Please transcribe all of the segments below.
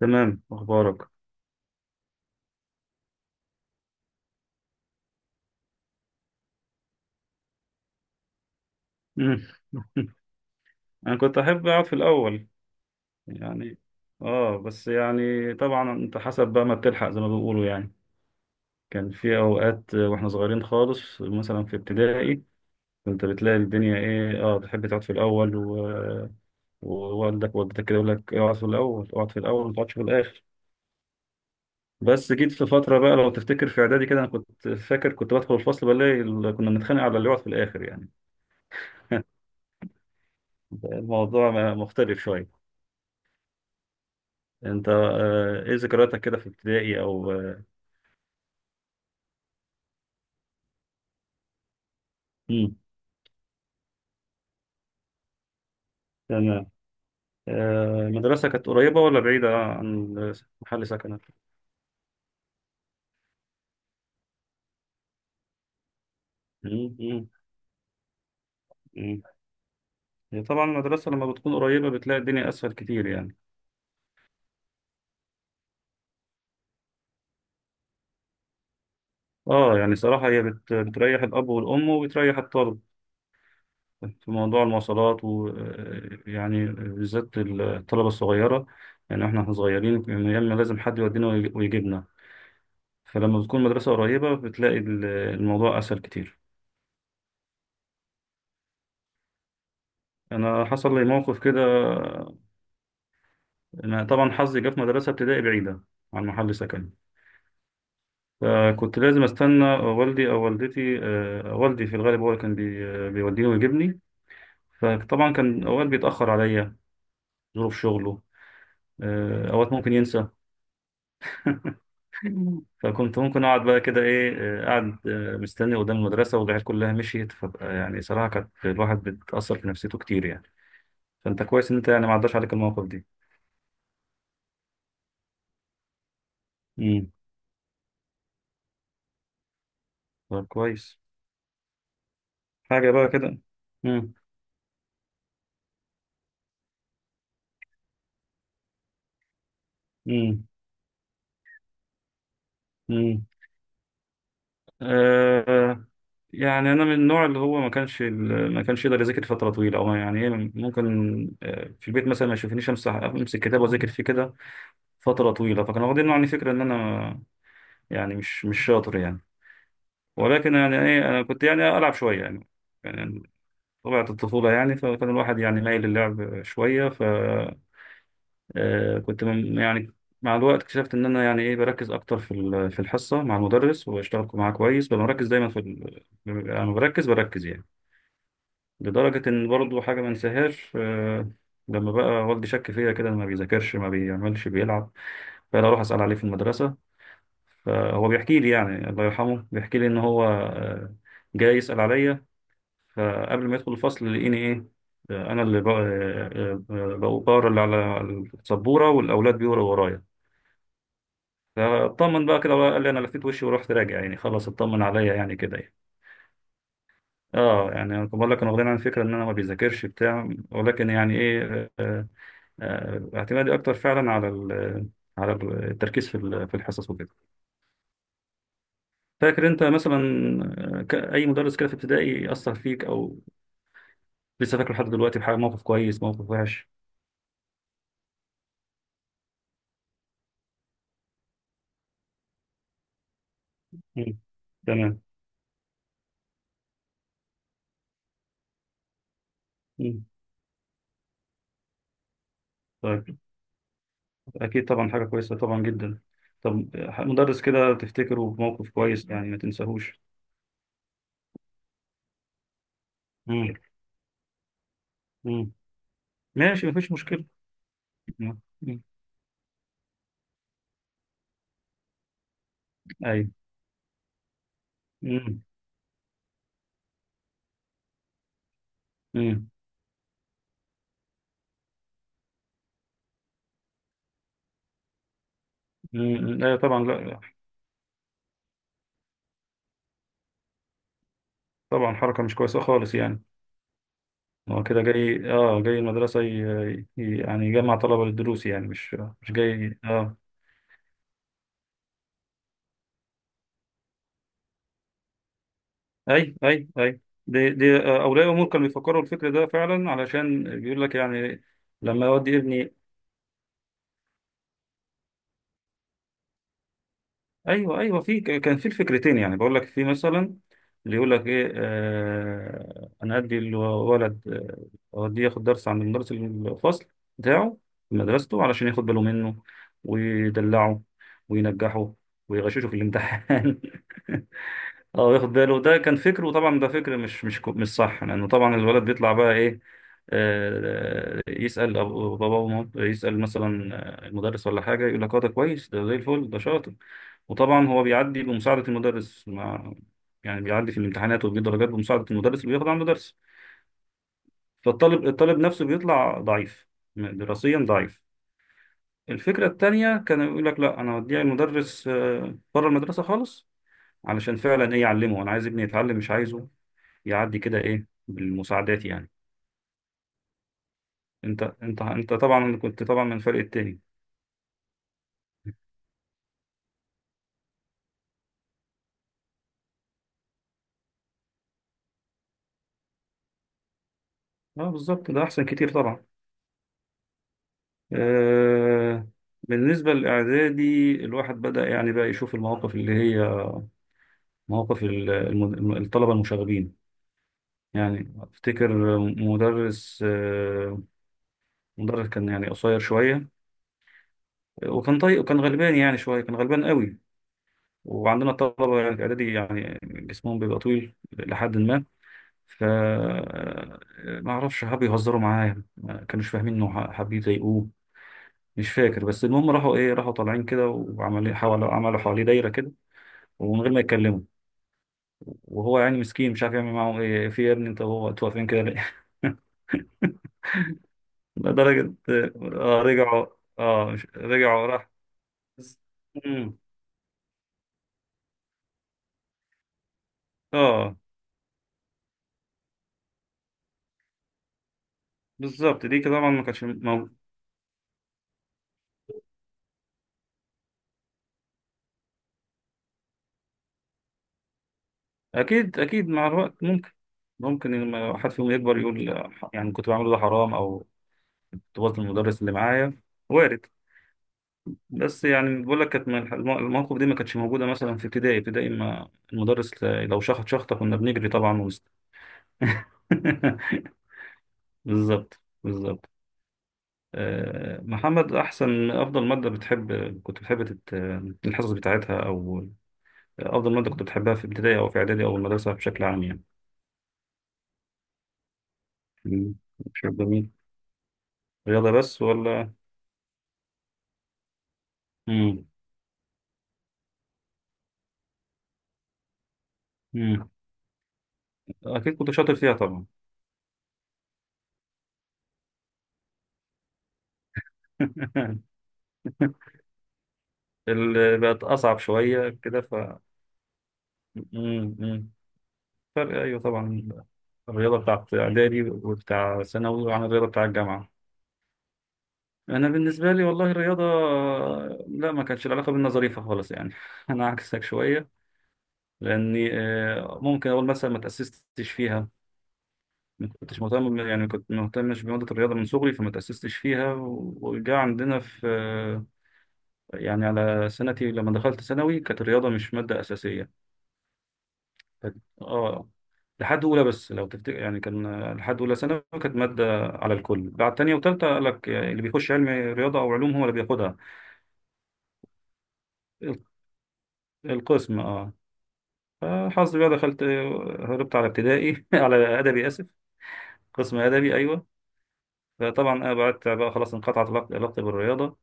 تمام، اخبارك؟ مم. انا كنت احب اقعد في الاول يعني. اه بس يعني طبعا انت حسب بقى ما بتلحق زي ما بيقولوا يعني. كان في اوقات واحنا صغيرين خالص مثلا في ابتدائي، كنت بتلاقي الدنيا ايه، بتحب تقعد في الاول ووالدك ووالدتك كده يقول لك اقعد في الاول، اقعد في الاول، ما تقعدش في الاخر. بس جيت في فتره بقى، لو تفتكر في اعدادي كده، انا كنت فاكر كنت بدخل الفصل بلاقي كنا بنتخانق على اللي يقعد في الاخر يعني. الموضوع مختلف شويه. انت، ايه ذكرياتك كده في ابتدائي او آه، مم. تمام. المدرسة كانت قريبة ولا بعيدة عن محل سكنك؟ مم، مم، مم. هي طبعا المدرسة لما بتكون قريبة بتلاقي الدنيا أسهل كتير يعني. اه يعني صراحة، بتريح الأب والأم وبتريح الطالب في موضوع المواصلات، ويعني بالذات الطلبة الصغيرة. يعني احنا صغيرين، كان يا إما لازم حد يودينا ويجيبنا. فلما بتكون المدرسة قريبة بتلاقي الموضوع أسهل كتير. انا حصل لي موقف كده. انا طبعا حظي جه في مدرسه ابتدائي بعيده عن محل سكني، فكنت لازم استنى والدي او والدتي. والدي في الغالب هو اللي كان بيوديني ويجيبني. فطبعا كان اوقات بيتاخر عليا، ظروف شغله. اوقات ممكن ينسى. فكنت ممكن اقعد بقى كده ايه، قاعد، مستني قدام المدرسه، والعيال كلها مشيت، فبقى يعني صراحه كانت الواحد بتاثر في نفسيته كتير يعني. فانت كويس ان انت يعني ما عداش عليك المواقف دي. امم. طب كويس. حاجه بقى كده. امم. امم. آه يعني انا من النوع اللي هو ما كانش يقدر يذاكر فتره طويله، او يعني إيه، ممكن في البيت مثلا ما يشوفنيش امسك كتاب واذاكر فيه كده فتره طويله. فكان واخدين عني فكره ان انا يعني مش شاطر يعني. ولكن يعني ايه انا كنت يعني العب شويه يعني طبيعه الطفوله يعني، فكان الواحد يعني مايل للعب شويه. كنت يعني مع الوقت اكتشفت ان انا يعني ايه بركز اكتر في في الحصه مع المدرس، واشتغل معاه كويس، ببقى مركز دايما في انا بركز بركز يعني. لدرجه ان برضو حاجه ما انساهاش، لما بقى والدي شك فيا كده، إن ما بيذاكرش ما بيعملش بيلعب، فانا اروح اسال عليه في المدرسه. فهو بيحكي لي يعني الله يرحمه، بيحكي لي ان هو، جاي يسال عليا، فقبل ما يدخل الفصل لقيني ايه، انا اللي بقرا اللي على السبوره، والاولاد بيقروا ورايا. فاطمن بقى كده، قال لي انا لفيت وشي ورحت راجع يعني، خلاص اطمن عليا يعني كده يعني. اه يعني انا بقول لك انا واخدين عن فكره ان انا ما بيذاكرش بتاع، ولكن يعني ايه، اعتمادي اكتر فعلا على على التركيز في في الحصص وكده. فاكر انت مثلا، اي مدرس كده في ابتدائي اثر فيك، او لسه فاكره لحد دلوقتي بحاجه، موقف كويس موقف وحش؟ مم. تمام. مم. طيب. اكيد طبعا، حاجه كويسه طبعا جدا. طب مدرس كده تفتكره بموقف كويس يعني ما تنساهوش؟ مم. مم. ماشي، مفيش مشكلة. مم. مم. أيوة. مم. مم. مم. أيوة طبعا، لا طبعا حركة مش كويسة خالص يعني. هو كده جاي، جاي المدرسة يعني يجمع طلبة للدروس يعني، مش مش جاي اه أي أي أي. دي أولياء أمور كانوا بيفكروا الفكر ده فعلا، علشان بيقول لك يعني لما أودي ابني. ايوه، ايوه، في كان في الفكرتين يعني، بقول لك في مثلا اللي يقول لك ايه، انا ادي الولد، اوديه ياخد درس عند مدرس الفصل بتاعه في مدرسته، علشان ياخد باله منه، ويدلعه، وينجحه، ويغششه في الامتحان. اه، ياخد باله، ده كان فكر، وطبعا ده فكر مش صح، لانه طبعا الولد بيطلع بقى ايه، يسال باباه يسال مثلا المدرس ولا حاجه، يقول لك اه ده كويس، ده زي الفل، ده شاطر. وطبعا هو بيعدي بمساعده المدرس، مع يعني بيعدي في الامتحانات وبيجيب درجات بمساعده المدرس اللي بياخد عند درس. فالطالب نفسه بيطلع ضعيف دراسيا، ضعيف. الفكره التانيه كان يقول لك لا، انا هوديه المدرس، بره المدرسه خالص، علشان فعلا ايه يعلمه، انا عايز ابني يتعلم، مش عايزه يعدي كده ايه بالمساعدات يعني. انت طبعا كنت طبعا من الفريق التاني. اه بالظبط، ده احسن كتير طبعا. آه. بالنسبة للإعدادي الواحد بدأ يعني بقى يشوف المواقف اللي هي مواقف الطلبة المشاغبين. يعني أفتكر مدرس كان يعني قصير شوية، وكان طيب، وكان غلبان يعني شوية، كان غلبان قوي. وعندنا الطلبة يعني في إعدادي يعني جسمهم بيبقى طويل لحد ما، ف ما اعرفش، حبوا يهزروا معاه، ما كانوش فاهمين انه حابين يضايقوه. مش فاكر، بس المهم راحوا ايه، راحوا طالعين كده وعملوا إيه، حاولوا عملوا حواليه دايره كده، ومن غير ما يتكلموا. وهو يعني مسكين مش عارف يعمل معاهم ايه، في يا ابني، انتوا واقفين كده ليه؟ لدرجه اه رجعوا. رجعوا راح. مم. اه بالظبط، دي كده طبعا ما كانتش اكيد اكيد، مع الوقت ممكن، ممكن لما حد فيهم يكبر يقول يعني كنت بعمل ده حرام، او طفولة المدرس اللي معايا، وارد. بس يعني بقول لك، كانت من المواقف دي ما كانتش موجودة مثلا في ابتدائي، ابتدائي ما المدرس لو شخط شخطة كنا بنجري طبعا ونست. بالظبط بالظبط. محمد، أفضل مادة كنت بتحب الحصص بتاعتها، أو أفضل مادة كنت بتحبها في ابتدائي أو في إعدادي أو المدرسة بشكل عام يعني؟ مم. شيء جميل. رياضة بس ولا؟ مم. مم. أكيد كنت شاطر فيها طبعا. اللي بقت أصعب شوية كده ف. مم، مم. فرق أيوه طبعا، الرياضة بتاعت إعدادي وبتاع ثانوي عن الرياضة بتاع الجامعة. أنا بالنسبة لي والله الرياضة، لا ما كانتش العلاقة بينا ظريفة خالص يعني. أنا عكسك شوية، لأني ممكن أقول مثلا ما تأسستش فيها. ما كنتش مهتم يعني، كنت ما مهتمش بمادة الرياضة من صغري، فما تأسستش فيها. وجا عندنا في يعني على سنتي لما دخلت ثانوي كانت الرياضة مش مادة أساسية. كانت- اه لحد اولى، بس لو تفتكر يعني كان لحد اولى ثانوي كانت ماده على الكل، بعد تانية وتالتة قال لك اللي بيخش علم رياضه او علوم هو اللي بياخدها. ال- القسم اه. فحظي بقى دخلت، هربت على ابتدائي، على ادبي، اسف، قسم ادبي، ايوه. فطبعا بعدت بقى خلاص، انقطعت علاقتي بالرياضه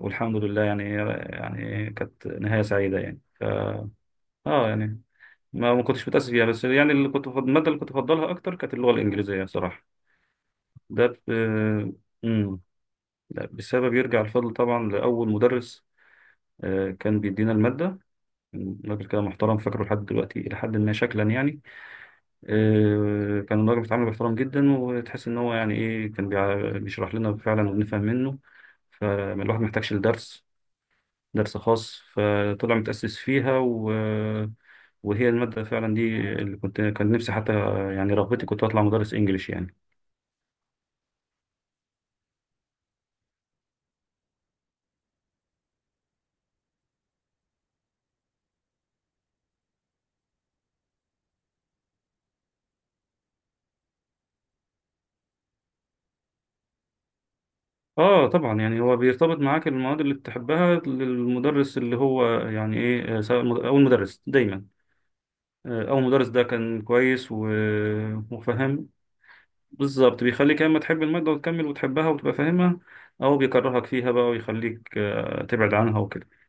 والحمد لله يعني. يعني كانت نهايه سعيده يعني ف. اه يعني ما كنتش متاسف فيها، بس يعني اللي كنت الماده اللي كنت بفضلها اكتر كانت اللغه الانجليزيه صراحه. ده ب... لا، بسبب، يرجع الفضل طبعا لأول مدرس كان بيدينا المادة. كان راجل كده محترم، فاكره لحد دلوقتي إلى حد ما شكلا يعني. كان الراجل بيتعامل باحترام جدا، وتحس إن هو يعني إيه كان بيشرح لنا فعلا وبنفهم منه. فالواحد محتاجش لدرس، درس خاص. فطلع متأسس فيها وهي المادة فعلا دي اللي كنت كان نفسي حتى يعني رغبتي كنت أطلع مدرس إنجليش يعني. اه طبعا يعني هو بيرتبط معاك المواد اللي بتحبها للمدرس، اللي هو يعني ايه، او المدرس دايما، او المدرس ده كان كويس وفاهم. بالظبط، بيخليك يا اما تحب المادة وتكمل وتحبها وتبقى فاهمها، او بيكرهك فيها بقى ويخليك تبعد عنها وكده